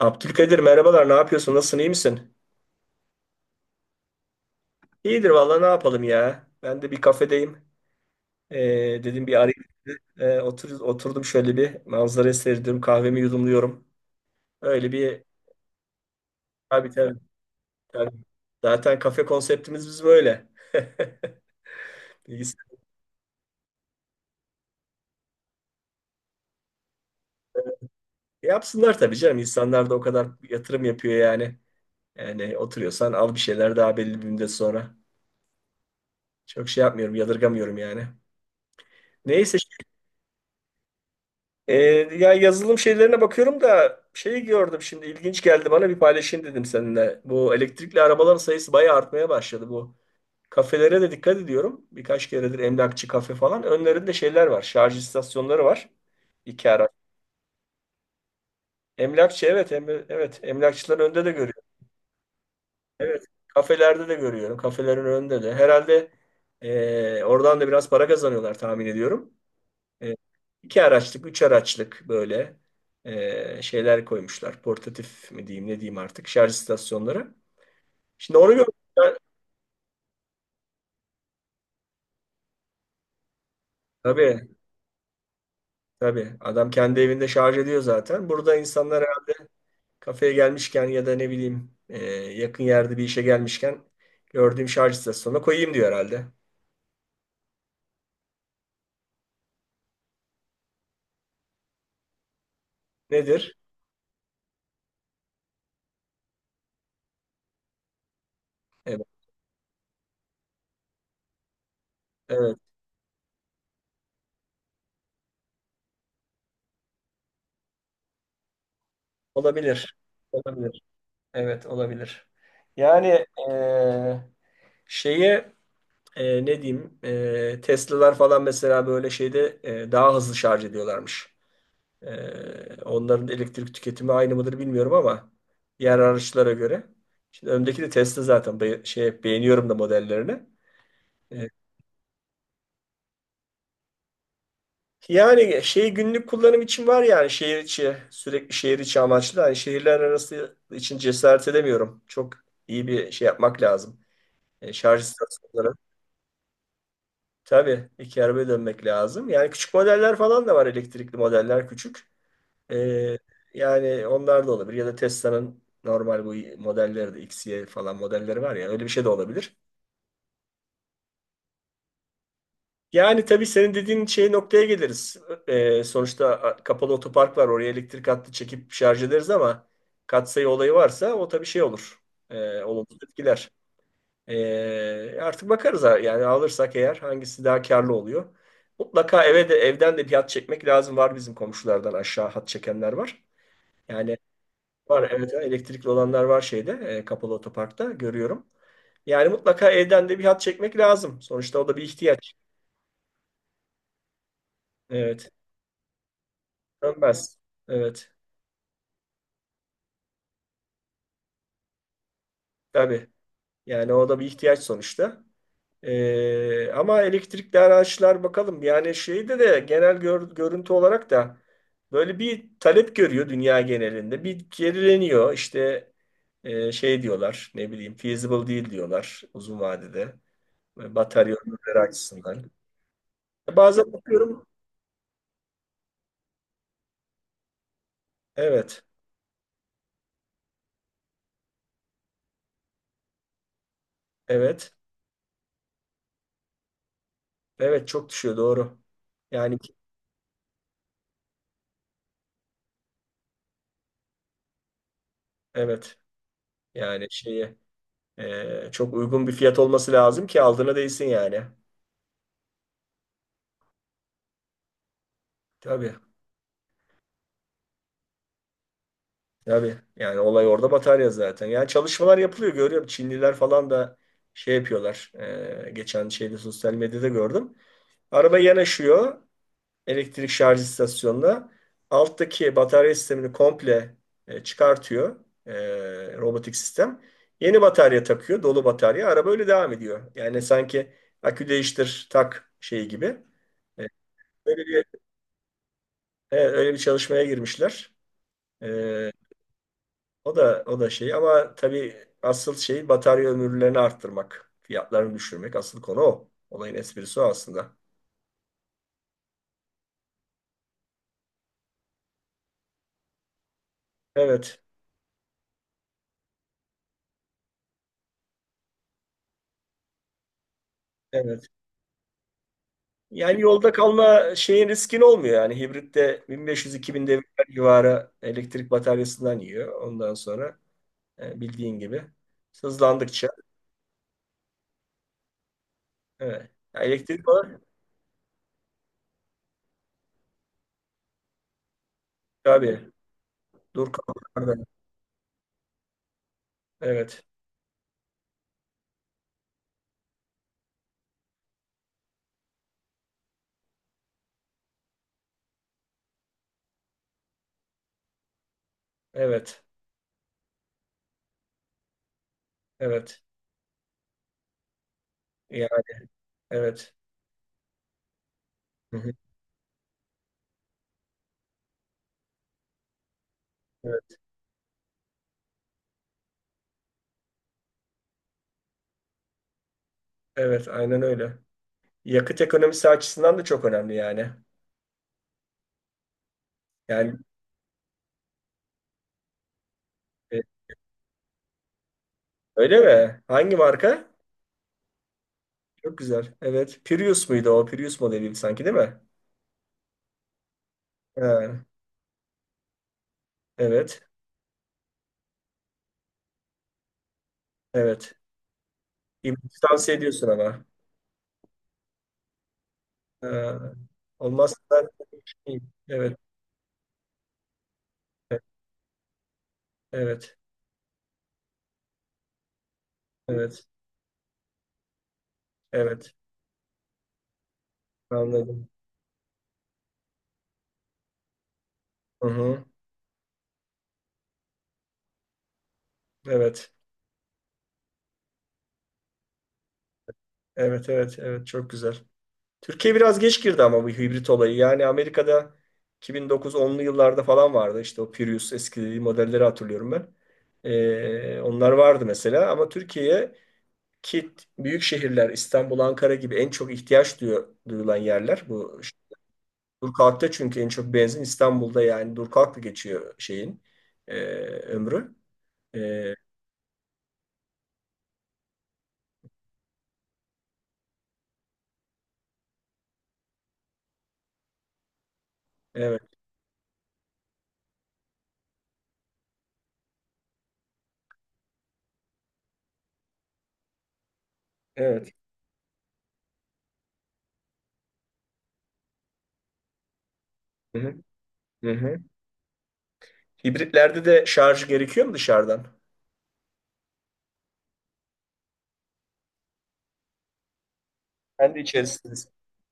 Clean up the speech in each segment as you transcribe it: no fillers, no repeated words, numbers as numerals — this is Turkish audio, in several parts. Abdülkadir, merhabalar, ne yapıyorsun, nasılsın, iyi misin? İyidir vallahi, ne yapalım ya, ben de bir kafedeyim. Ee, Dedim bir arayayım. Oturdum, şöyle bir manzara seyrediyorum, kahvemi yudumluyorum, öyle bir tabii tabii, tabii. Zaten kafe konseptimiz biz böyle. Bilgisayar- yapsınlar tabii canım, insanlar da o kadar yatırım yapıyor yani. Yani oturuyorsan al bir şeyler daha belli bir müddet sonra. Çok şey yapmıyorum, yadırgamıyorum yani. Neyse. Ee, Ya, yazılım şeylerine bakıyorum da şeyi gördüm, şimdi ilginç geldi bana, bir paylaşayım dedim seninle. Bu elektrikli arabaların sayısı bayağı artmaya başladı bu. Kafelere de dikkat ediyorum. Birkaç keredir emlakçı, kafe falan. Önlerinde şeyler var. Şarj istasyonları var. İki araç. Emlakçı, evet, em- evet emlakçıların önünde de görüyorum. Evet. Kafelerde de görüyorum. Kafelerin önünde de. Herhalde oradan da biraz para kazanıyorlar, tahmin ediyorum. E, iki araçlık, üç araçlık böyle şeyler koymuşlar. Portatif mi diyeyim, ne diyeyim artık, şarj istasyonları. Şimdi onu gördüm ben. Tabii, tabii. Adam kendi evinde şarj ediyor zaten. Burada insanlara kafeye gelmişken ya da ne bileyim yakın yerde bir işe gelmişken gördüğüm şarj istasyonuna koyayım diyor herhalde. Nedir? Evet, evet. Olabilir. Olabilir. Evet, olabilir. Yani e, şeye ne diyeyim, Tesla'lar falan mesela böyle şeyde daha hızlı şarj ediyorlarmış. Onların elektrik tüketimi aynı mıdır bilmiyorum ama diğer araçlara göre. Şimdi öndeki de Tesla zaten. Be- şey beğeniyorum da modellerini. E, Yani şey, günlük kullanım için var yani, şehir içi, sürekli şehir içi amaçlı. Hani şehirler arası için cesaret edemiyorum. Çok iyi bir şey yapmak lazım. Şarj istasyonları. Tabii iki arabaya dönmek lazım. Yani küçük modeller falan da var, elektrikli modeller küçük. Ee, Yani onlar da olabilir. Ya da Tesla'nın normal bu modelleri de, X Y falan modelleri var ya, öyle bir şey de olabilir. Yani tabii senin dediğin şey noktaya geliriz. Sonuçta a- kapalı otopark var. Oraya elektrik hattı çekip şarj ederiz ama katsayı olayı varsa o tabii şey olur. Olumsuz etkiler. Artık bakarız ha- yani alırsak eğer hangisi daha karlı oluyor. Mutlaka eve de, evden de bir hat çekmek lazım. Var, bizim komşulardan aşağı hat çekenler var. Yani var, evet, evet. Elektrikli olanlar var şeyde, kapalı otoparkta görüyorum. Yani mutlaka evden de bir hat çekmek lazım. Sonuçta o da bir ihtiyaç. Evet. Dönmez. Evet. Tabii. Yani o da bir ihtiyaç sonuçta. Ama elektrikli araçlar bakalım. Yani şeyde de genel gör- görüntü olarak da böyle bir talep görüyor dünya genelinde. Bir gerileniyor. İşte şey diyorlar, ne bileyim, feasible değil diyorlar uzun vadede. Batarya ömürleri açısından. Bazen bakıyorum. Evet. Evet. Evet, çok düşüyor, doğru. Yani evet. Yani şeye çok uygun bir fiyat olması lazım ki aldığına değsin yani. Tabii. Tabii. Yani olay orada, batarya zaten. Yani çalışmalar yapılıyor, görüyorum. Çinliler falan da şey yapıyorlar. Geçen şeyde sosyal medyada gördüm. Araba yanaşıyor elektrik şarj istasyonuna. Alttaki batarya sistemini komple çıkartıyor robotik sistem. Yeni batarya takıyor, dolu batarya. Araba öyle devam ediyor. Yani sanki akü değiştir tak şeyi gibi. E, öyle bir, evet, öyle bir çalışmaya girmişler. E, O da, o da şey ama tabii asıl şey batarya ömürlerini arttırmak, fiyatlarını düşürmek. Asıl konu o. Olayın esprisi o aslında. Evet, evet. Yani yolda kalma şeyin, riskin olmuyor yani. Hibritte 1500-2000 devirler civarı elektrik bataryasından yiyor. Ondan sonra bildiğin gibi hızlandıkça evet. Ya, elektrik var tabii. Dur kalklarda. Evet. Evet. Evet. Yani evet. Hı hı. Evet. Evet, aynen öyle. Yakıt ekonomisi açısından da çok önemli yani. Yani e, öyle mi? Hangi marka? Çok güzel. Evet. Prius muydu o? Prius modeli sanki, değil mi? Ha, evet. Evet. İbrik'i tavsiye ediyorsun ama. Ee, Olmazsa ben... Evet, evet, evet, evet. Anladım. Hı hı. Evet, evet, evet, evet. Çok güzel. Türkiye biraz geç girdi ama bu hibrit olayı. Yani Amerika'da 2009-10'lu yıllarda falan vardı. İşte o Prius eski modelleri hatırlıyorum ben. Onlar vardı mesela ama Türkiye'ye ki büyük şehirler, İstanbul, Ankara gibi en çok ihtiyaç duyu- duyulan yerler bu Durkak'ta, çünkü en çok benzin İstanbul'da yani Durkak'la geçiyor şeyin ömrü. E, evet, evet. Hı hı, hı hı. Hibritlerde de şarj gerekiyor mu dışarıdan? Kendi içerisinde.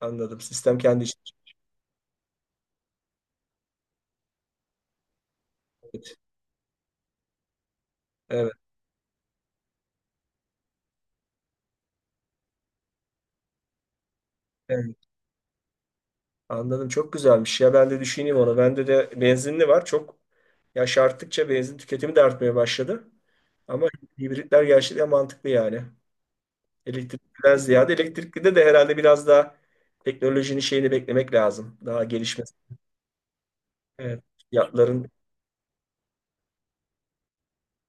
Anladım. Sistem kendi içerisinde. Evet, evet. Evet. Anladım. Çok güzelmiş ya. Ben de düşüneyim onu. Bende de benzinli var. Çok, yaş arttıkça benzin tüketimi de artmaya başladı. Ama hibritler gerçekten mantıklı yani. Elektrikliden ziyade, elektrikli de herhalde biraz daha teknolojinin şeyini beklemek lazım. Daha gelişmesi. Evet. Fiyatların.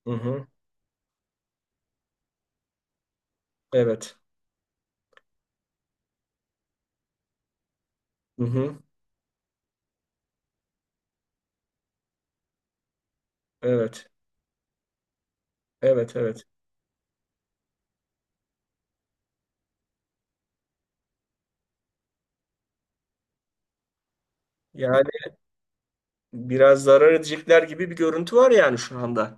Hı hı. Evet. Hı hı. Evet. Evet. Evet. Yani biraz zarar edecekler gibi bir görüntü var yani şu anda.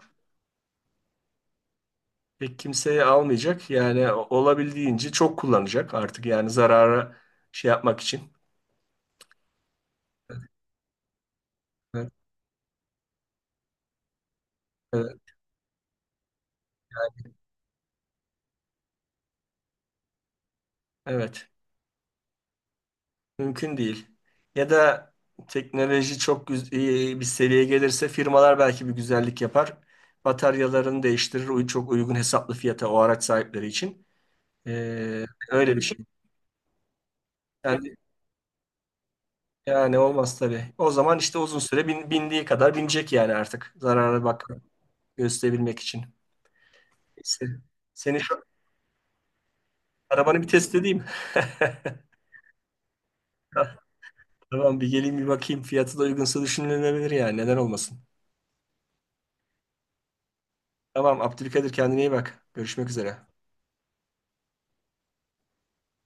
Pek kimseye almayacak. Yani o- olabildiğince çok kullanacak artık yani, zarara şey yapmak için. Evet. Evet. Evet. Mümkün değil. Ya da teknoloji çok güz- iyi bir seviyeye gelirse, firmalar belki bir güzellik yapar. Bataryalarını değiştirir. Uy- Çok uygun hesaplı fiyata o araç sahipleri için. Ee, Öyle bir şey. Yani, yani olmaz tabii. O zaman işte uzun süre bin- bindiği kadar binecek yani artık. Zarara bak gösterebilmek için. Neyse. Senin şu arabanı bir test edeyim. Tamam, bir geleyim, bir bakayım. Fiyatı da uygunsa düşünülebilir yani. Neden olmasın? Tamam Abdülkadir, kendine iyi bak. Görüşmek üzere.